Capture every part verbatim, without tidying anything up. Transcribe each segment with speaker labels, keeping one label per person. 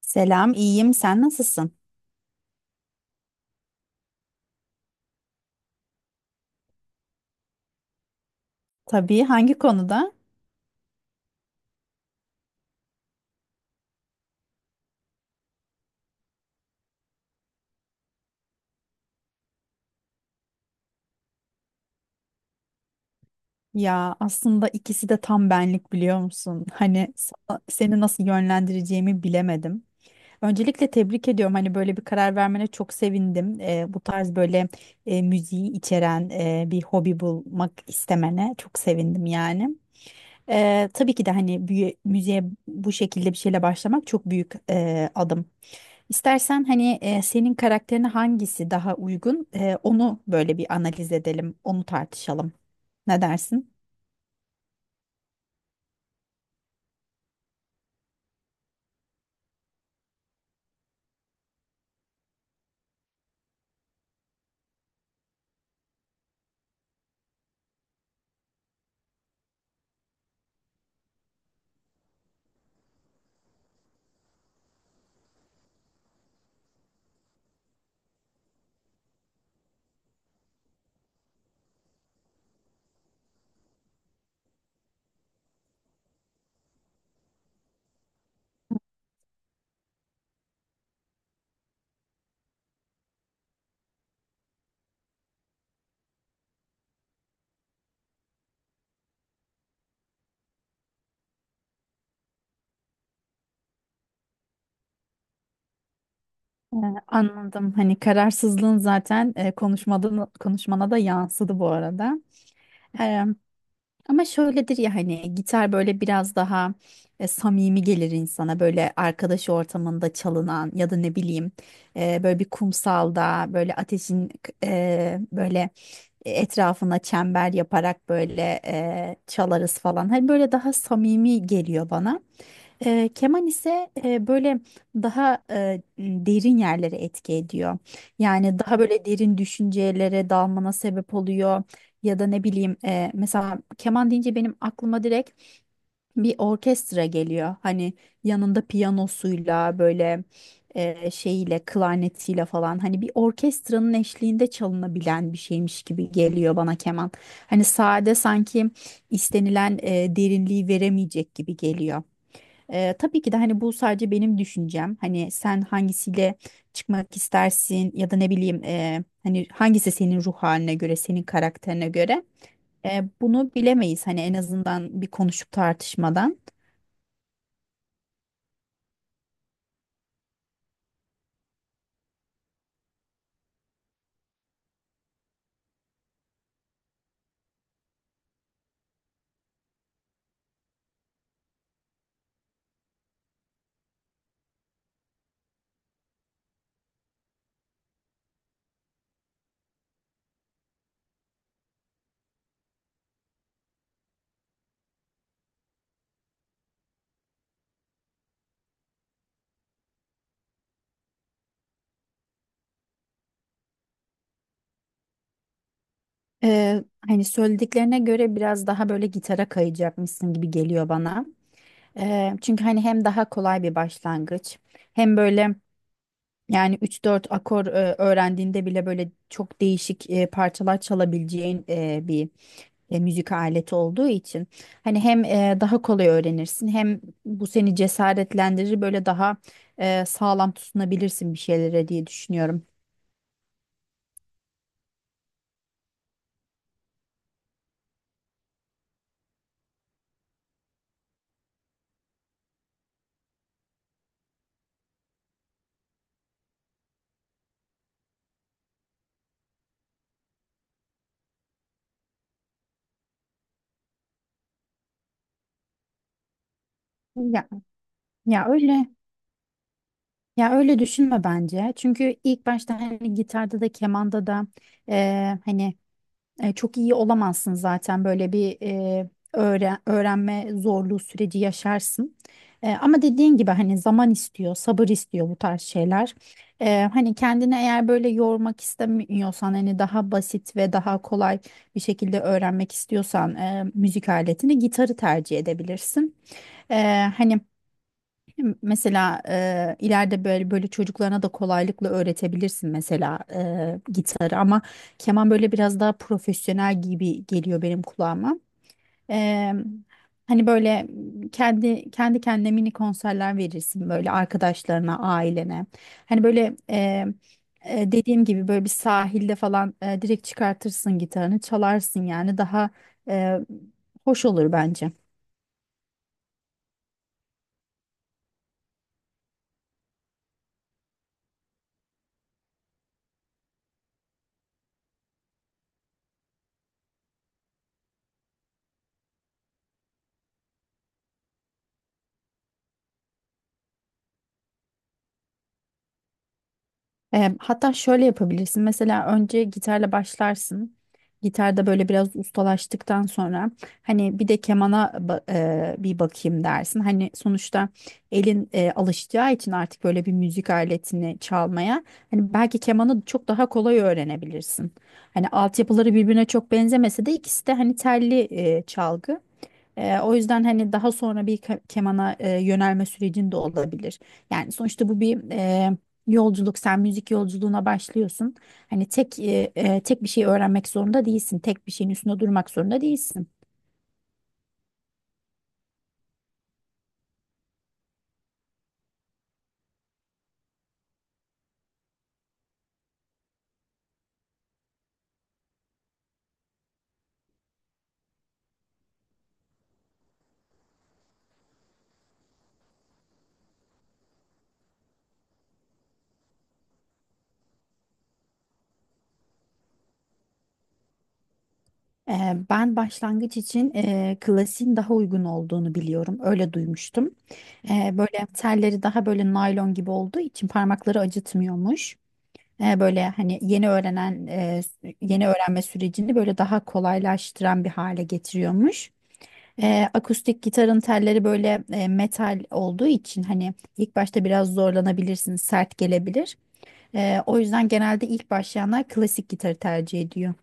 Speaker 1: Selam, iyiyim. Sen nasılsın? Tabii, hangi konuda? Ya aslında ikisi de tam benlik biliyor musun? Hani sana- seni nasıl yönlendireceğimi bilemedim. Öncelikle tebrik ediyorum. Hani böyle bir karar vermene çok sevindim. Ee, bu tarz böyle e, müziği içeren e, bir hobi bulmak istemene çok sevindim yani. Ee, tabii ki de hani büyü- müziğe bu şekilde bir şeyle başlamak çok büyük e, adım. İstersen hani e, senin karakterine hangisi daha uygun, e, onu böyle bir analiz edelim, onu tartışalım. Ne dersin? Ee, Anladım. Hani kararsızlığın zaten e, konuşmadan, konuşmana da yansıdı bu arada. Ama şöyledir ya, hani gitar böyle biraz daha e, samimi gelir insana, böyle arkadaş ortamında çalınan, ya da ne bileyim e, böyle bir kumsalda böyle ateşin e, böyle etrafına çember yaparak böyle e, çalarız falan. Hani böyle daha samimi geliyor bana. E, keman ise e, böyle daha e, derin yerlere etki ediyor. Yani daha böyle derin düşüncelere dalmana sebep oluyor. Ya da ne bileyim, e, mesela keman deyince benim aklıma direkt bir orkestra geliyor. Hani yanında piyanosuyla böyle e, şeyiyle klarnetiyle falan, hani bir orkestranın eşliğinde çalınabilen bir şeymiş gibi geliyor bana keman. Hani sade sanki istenilen e, derinliği veremeyecek gibi geliyor. Ee, tabii ki de hani bu sadece benim düşüncem. Hani sen hangisiyle çıkmak istersin, ya da ne bileyim, e, hani hangisi senin ruh haline göre, senin karakterine göre. E, bunu bilemeyiz hani, en azından bir konuşup tartışmadan. E, hani söylediklerine göre biraz daha böyle gitara kayacakmışsın gibi geliyor bana. E, çünkü hani hem daha kolay bir başlangıç, hem böyle, yani üç dört akor e, öğrendiğinde bile böyle çok değişik e, parçalar çalabileceğin e, bir e, müzik aleti olduğu için, hani hem e, daha kolay öğrenirsin, hem bu seni cesaretlendirir, böyle daha e, sağlam tutunabilirsin bir şeylere diye düşünüyorum. Ya ya öyle ya öyle düşünme bence. Çünkü ilk başta hani gitarda da kemanda da, e, hani E, çok iyi olamazsın zaten, böyle bir e, öğre- öğrenme zorluğu süreci yaşarsın. E, ama dediğin gibi hani zaman istiyor, sabır istiyor bu tarz şeyler. E, hani kendini eğer böyle yormak istemiyorsan, hani daha basit ve daha kolay bir şekilde öğrenmek istiyorsan, e, müzik aletini, gitarı tercih edebilirsin. E, hani Mesela e, ileride böyle böyle çocuklarına da kolaylıkla öğretebilirsin mesela, e, gitarı, ama keman böyle biraz daha profesyonel gibi geliyor benim kulağıma. E, hani böyle kendi kendi kendine mini konserler verirsin, böyle arkadaşlarına, ailene. Hani böyle e, e, Dediğim gibi, böyle bir sahilde falan e, direkt çıkartırsın gitarını, çalarsın, yani daha e, hoş olur bence. E, hatta şöyle yapabilirsin. Mesela önce gitarla başlarsın. Gitarda böyle biraz ustalaştıktan sonra hani bir de kemana ba- e, bir bakayım dersin. Hani sonuçta elin e, alışacağı için artık böyle bir müzik aletini çalmaya, hani belki kemanı çok daha kolay öğrenebilirsin. Hani altyapıları birbirine çok benzemese de, ikisi de hani telli e, çalgı. Ee, o yüzden hani daha sonra bir ke- kemana e, yönelme sürecinde olabilir. Yani sonuçta bu bir e, yolculuk. Sen müzik yolculuğuna başlıyorsun. Hani tek e, e, tek bir şey öğrenmek zorunda değilsin. Tek bir şeyin üstünde durmak zorunda değilsin. Ee, Ben başlangıç için e, klasiğin daha uygun olduğunu biliyorum. Öyle duymuştum. Ee, böyle telleri daha böyle naylon gibi olduğu için parmakları acıtmıyormuş. E, böyle hani yeni öğrenen e, yeni öğrenme sürecini böyle daha kolaylaştıran bir hale getiriyormuş. E, akustik gitarın telleri böyle e, metal olduğu için, hani ilk başta biraz zorlanabilirsiniz, sert gelebilir. E, o yüzden genelde ilk başlayanlar klasik gitarı tercih ediyor.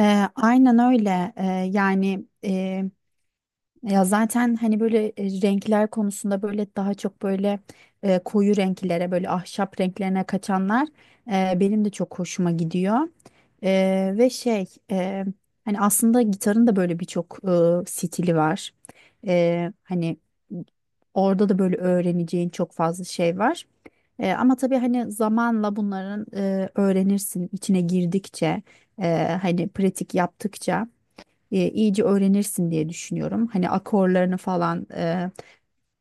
Speaker 1: E, aynen öyle. E, yani e, Ya zaten hani böyle e, renkler konusunda böyle daha çok böyle e, koyu renklere, böyle ahşap renklerine kaçanlar e, benim de çok hoşuma gidiyor. E, ve şey e, Hani aslında gitarın da böyle birçok e, stili var. E, hani orada da böyle öğreneceğin çok fazla şey var. E, ama tabii hani zamanla bunların, e, öğrenirsin, içine girdikçe, e, hani pratik yaptıkça, e, iyice öğrenirsin diye düşünüyorum. Hani akorlarını falan e,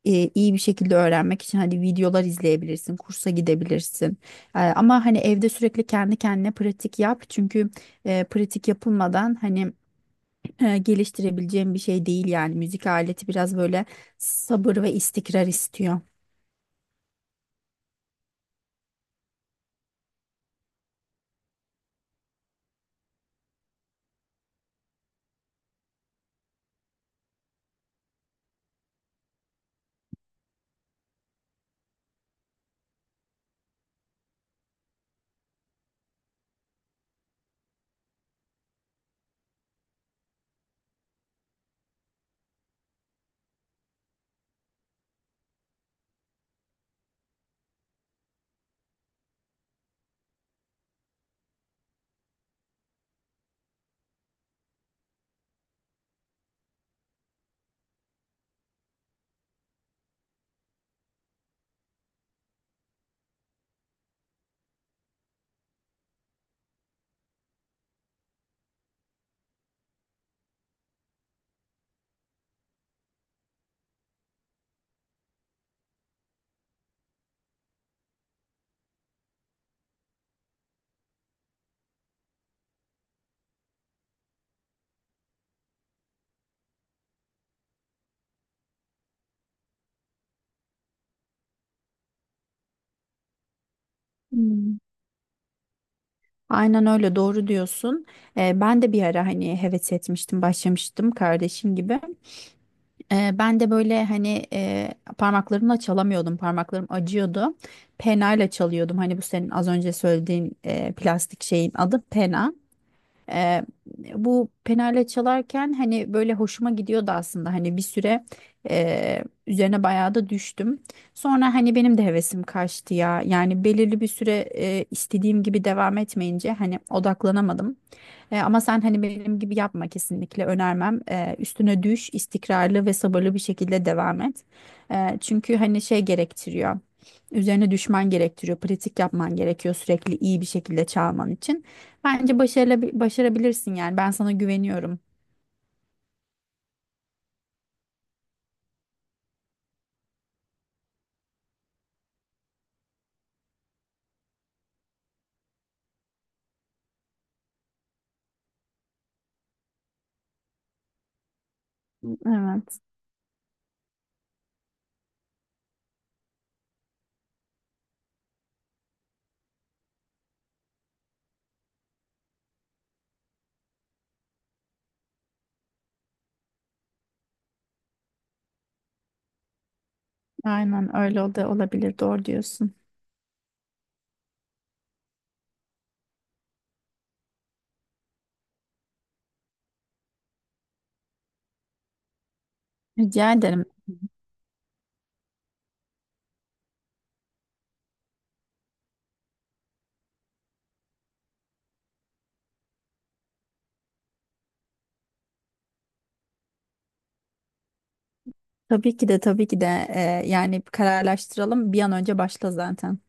Speaker 1: e, iyi bir şekilde öğrenmek için hani videolar izleyebilirsin, kursa gidebilirsin. E, ama hani evde sürekli kendi kendine pratik yap. Çünkü e, pratik yapılmadan hani e, geliştirebileceğim bir şey değil yani. Müzik aleti biraz böyle sabır ve istikrar istiyor. Hmm. Aynen öyle, doğru diyorsun. Ee, ben de bir ara hani heves etmiştim, başlamıştım kardeşim gibi. Ee, ben de böyle hani e, parmaklarımla çalamıyordum, parmaklarım acıyordu. Penayla çalıyordum. Hani bu senin az önce söylediğin e, plastik şeyin adı pena. Eee, Bu penale çalarken hani böyle hoşuma gidiyordu aslında, hani bir süre eee, üzerine bayağı da düştüm. Sonra hani benim de hevesim kaçtı ya, yani belirli bir süre eee, istediğim gibi devam etmeyince hani odaklanamadım. Eee, ama sen hani benim gibi yapma, kesinlikle önermem. Eee, üstüne düş, istikrarlı ve sabırlı bir şekilde devam et. Eee, çünkü hani şey gerektiriyor, üzerine düşman gerektiriyor, pratik yapman gerekiyor sürekli, iyi bir şekilde çalman için. Bence başarılı, başarabilirsin yani. Ben sana güveniyorum. Evet. Aynen öyle, o olabilir. Doğru diyorsun. Rica ederim. Tabii ki de tabii ki de e, yani kararlaştıralım. Bir an önce başla zaten.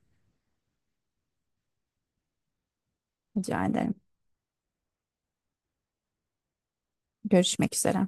Speaker 1: Rica ederim. Görüşmek üzere.